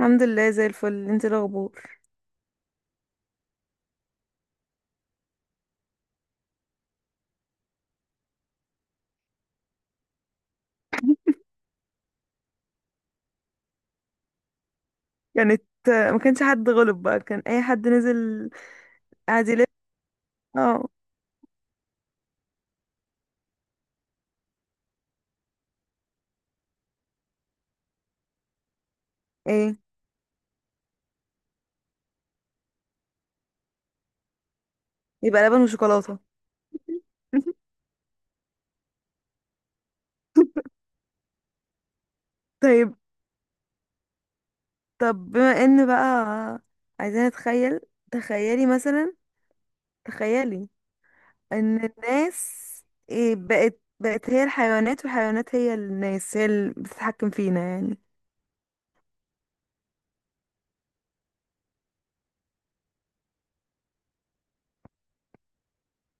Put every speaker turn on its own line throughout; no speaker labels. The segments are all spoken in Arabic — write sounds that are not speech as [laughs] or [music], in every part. الحمد لله زي الفل. انت إيه الاخبار؟ كانت ما كانش حد غلب بقى، كان اي حد نزل قاعد يلف. اه. ايه، يبقى لبن وشوكولاته. [laughs] طيب، بما ان بقى عايزين نتخيل، تخيلي مثلا تخيلي ان الناس ايه بقت هي الحيوانات، والحيوانات هي الناس، هي اللي بتتحكم فينا يعني.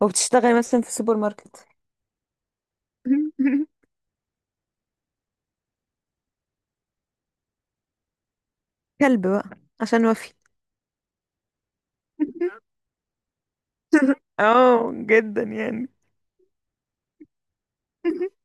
وبتشتغل مثلا في السوبر ماركت. [laughs] كلب بقى، عشان وفي. [laughs] اه، جدا يعني. [laughs]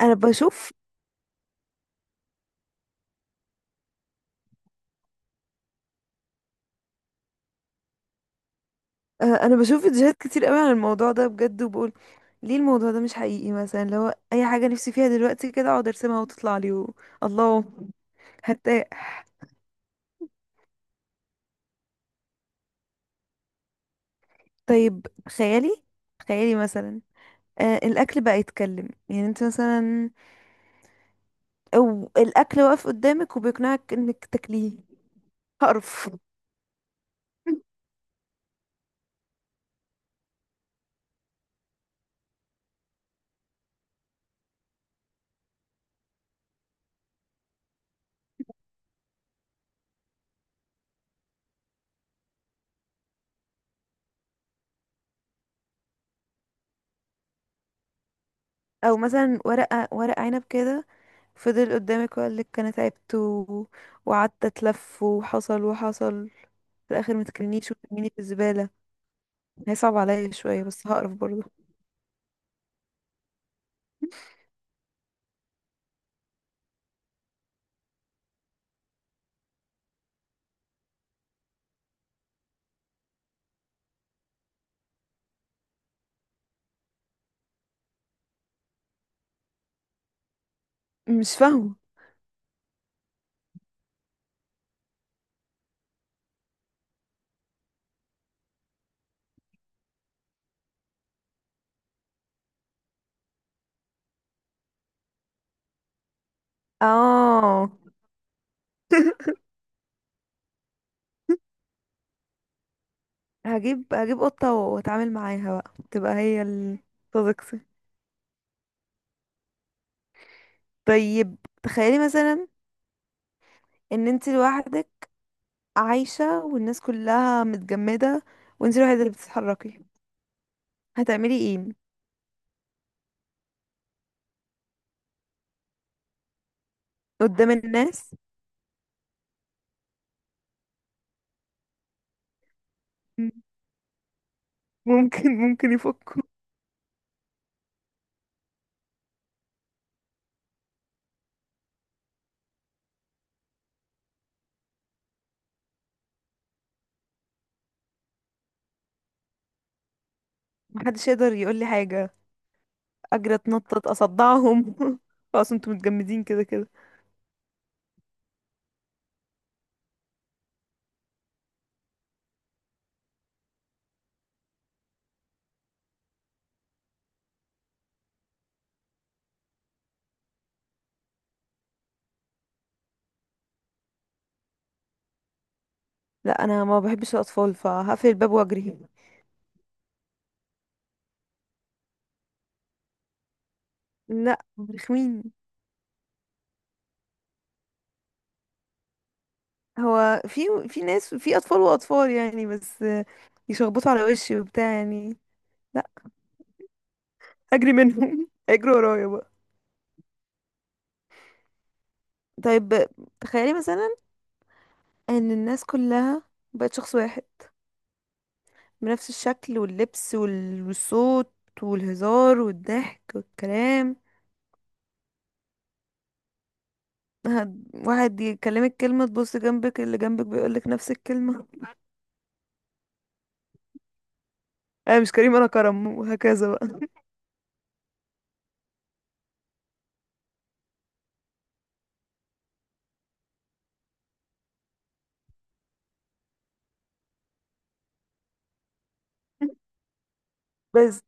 انا بشوف انا بشوف فيديوهات كتير قوي عن الموضوع ده بجد، وبقول ليه الموضوع ده مش حقيقي. مثلا لو اي حاجه نفسي فيها دلوقتي كده اقعد ارسمها وتطلع لي الله. هرتاح. طيب خيالي مثلا، آه الاكل بقى يتكلم يعني انت مثلا، او الاكل واقف قدامك وبيقنعك انك تاكليه. هقرف. او مثلا ورقه ورق عنب كده فضل قدامك وقال لك انا تعبت وقعدت اتلف وحصل وحصل، في الاخر ما تكلنيش وترميني في الزباله. هي صعبة عليا شوية بس هقرف برضه. مش فاهمة. اه. [laughs] هجيب قطة واتعامل معاها، بقى تبقى هي الصديقتي. طيب تخيلي مثلا ان انت لوحدك عايشة والناس كلها متجمدة، وانت الوحيدة اللي بتتحركي، هتعملي ايه قدام الناس؟ [laughs] ممكن يفكوا. محدش يقدر يقول لي حاجة. اجري، اتنطط، اصدعهم. [laughs] خلاص انتوا متجمدين كده كده. لا انا ما بحبش الاطفال، فهقفل الباب واجري. لا، رخمين. هو في ناس، في اطفال واطفال يعني، بس يشخبطوا على وشي وبتاع يعني. لا. اجري منهم. [laughs] اجري ورايا بقى. طيب تخيلي مثلا ان الناس كلها بقت شخص واحد، بنفس الشكل واللبس والصوت والهزار والضحك والكلام. واحد يكلمك كلمة تبص جنبك اللي جنبك بيقولك نفس الكلمة. [laughs] انا مش كريم انا كرم، وهكذا بقى. [laughs] بس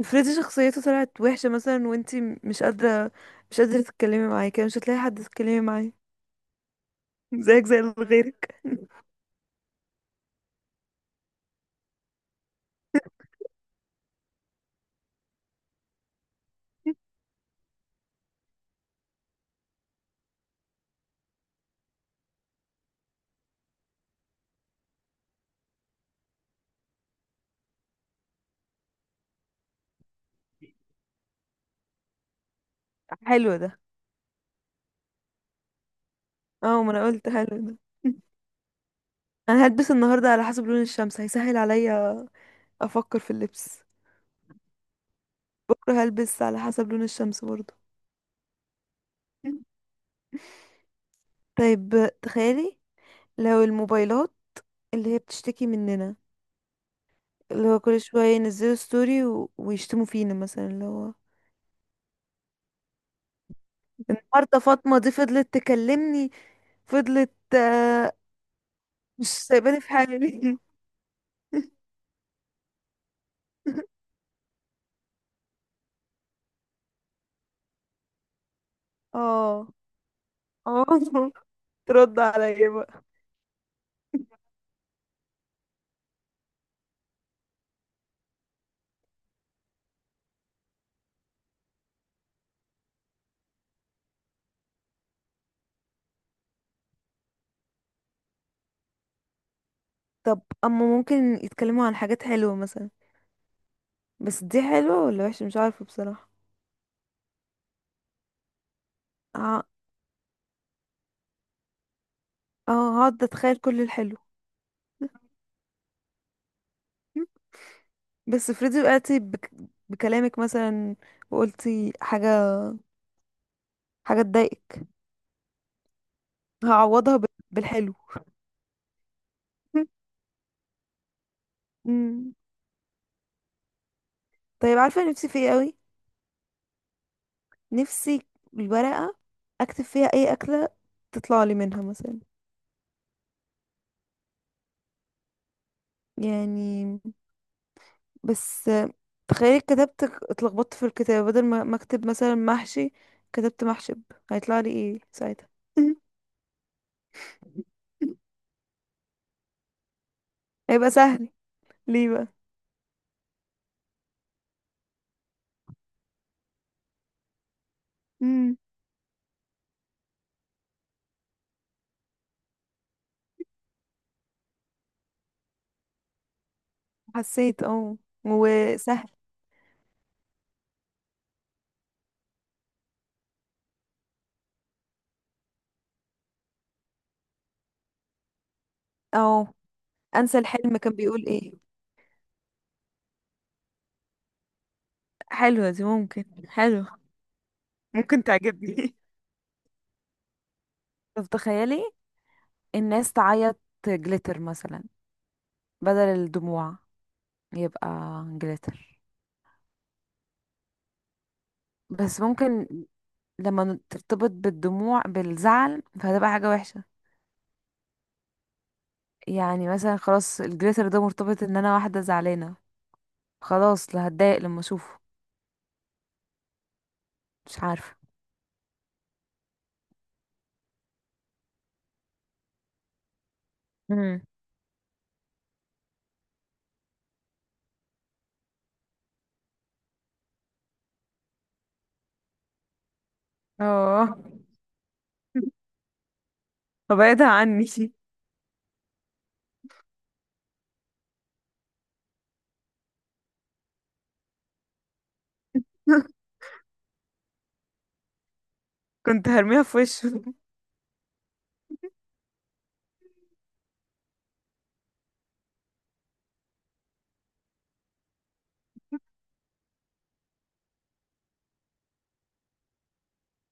افرضي شخصيته طلعت وحشة مثلا، وانتي مش قادرة تتكلمي معاه، كده مش هتلاقي حد تتكلمي معاه. [laughs] زيك زي اللي غيرك. [laughs] حلو ده. اه، ما انا قلت حلو ده. [laughs] انا هلبس النهاردة على حسب لون الشمس، هيسهل عليا افكر في اللبس. بكرة هلبس على حسب لون الشمس برضه. [laughs] طيب تخيلي، لو الموبايلات اللي هي بتشتكي مننا، اللي هو كل شوية ينزلوا ستوري ويشتموا فينا مثلا، اللي هو النهاردة فاطمة دي فضلت تكلمني، فضلت مش سايباني في حالي. [laughs] اه. اه. ترد عليا بقى. طب اما ممكن يتكلموا عن حاجات حلوة مثلا، بس دي حلوة ولا وحشة مش عارفة بصراحة. اه، آه، هقعد اتخيل كل الحلو. [laughs] بس افرضي وقعتي بكلامك مثلا، وقلتي حاجة، حاجة تضايقك، هعوضها بالحلو. [laughs] مم. طيب عارفة نفسي في ايه قوي؟ نفسي الورقة اكتب فيها اي اكلة، تطلع لي منها مثلا يعني. بس تخيلي كتبت، اتلخبطت في الكتابة، بدل ما اكتب مثلا محشي كتبت محشب، هيطلع لي ايه ساعتها؟ [laughs] هيبقى سهل. ليه بقى؟ امم. حسيت اه. وسهل. اه. انسى الحلم كان بيقول ايه. حلوة دي، ممكن حلو، ممكن تعجبني. [laughs] طب تخيلي الناس تعيط جليتر مثلا، بدل الدموع، يبقى جليتر. بس ممكن لما ترتبط بالدموع بالزعل فهتبقى حاجة وحشة. يعني مثلا خلاص الجليتر ده مرتبط ان انا واحدة زعلانة، خلاص لا هتضايق لما اشوفه. مش عارفة. امم. اه. [laughs] فبعدها عني. [laughs] كنت هرميها في وشه.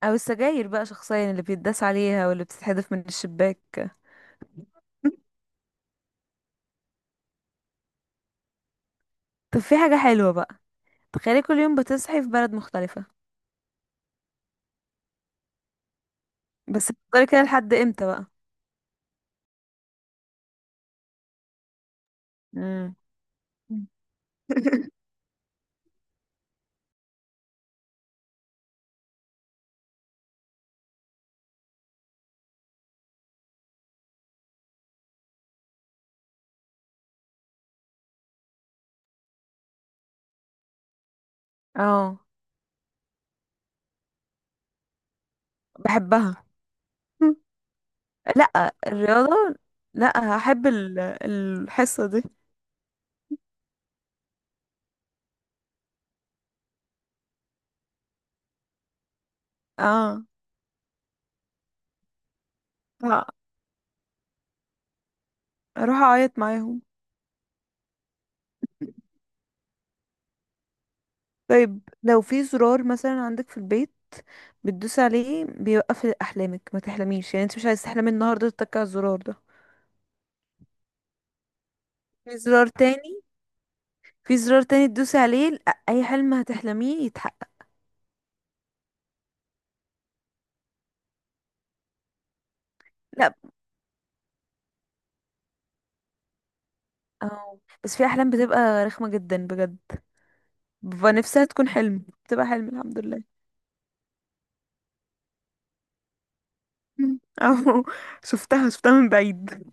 او السجاير بقى شخصيا اللي بيتداس عليها واللي بتتحدف من الشباك. طب في حاجة حلوة بقى، تخيلي كل يوم بتصحي في بلد مختلفة. بس هتفضلي كده لحد امتى بقى؟ امم. اه. بحبها. [laughs] لا الرياضة، لا هحب الحصة دي. اه. اروح اعيط معاهم. طيب لو في زرار مثلا عندك في البيت، بتدوس عليه بيوقف احلامك، ما تحلميش، يعني انت مش عايز تحلمي النهارده تتك على الزرار ده. في زرار تاني، في زرار تاني تدوسي عليه، لأ، اي حلم هتحلميه يتحقق. لا. أو. بس في احلام بتبقى رخمه جدا بجد، ببقى نفسها تكون حلم، بتبقى حلم الحمد لله. [laughs] مم. او شفتها من بعيد.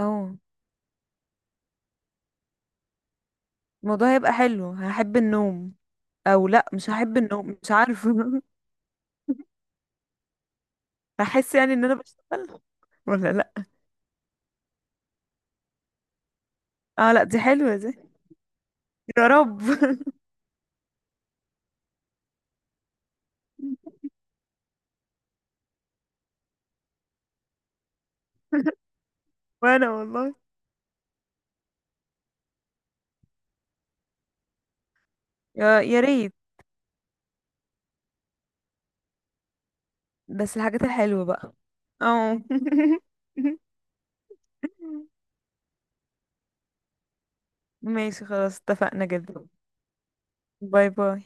او الموضوع هيبقى حلو، هحب النوم. او لا مش هحب النوم، مش عارفه. [laughs] هحس يعني ان انا بشتغل، ولا لا. اه لا دي حلوة دي. يا رب. [laughs] وانا والله يا ريت. بس الحاجات الحلوة بقى. اه. [laughs] ماشي خلاص اتفقنا جدا. باي باي.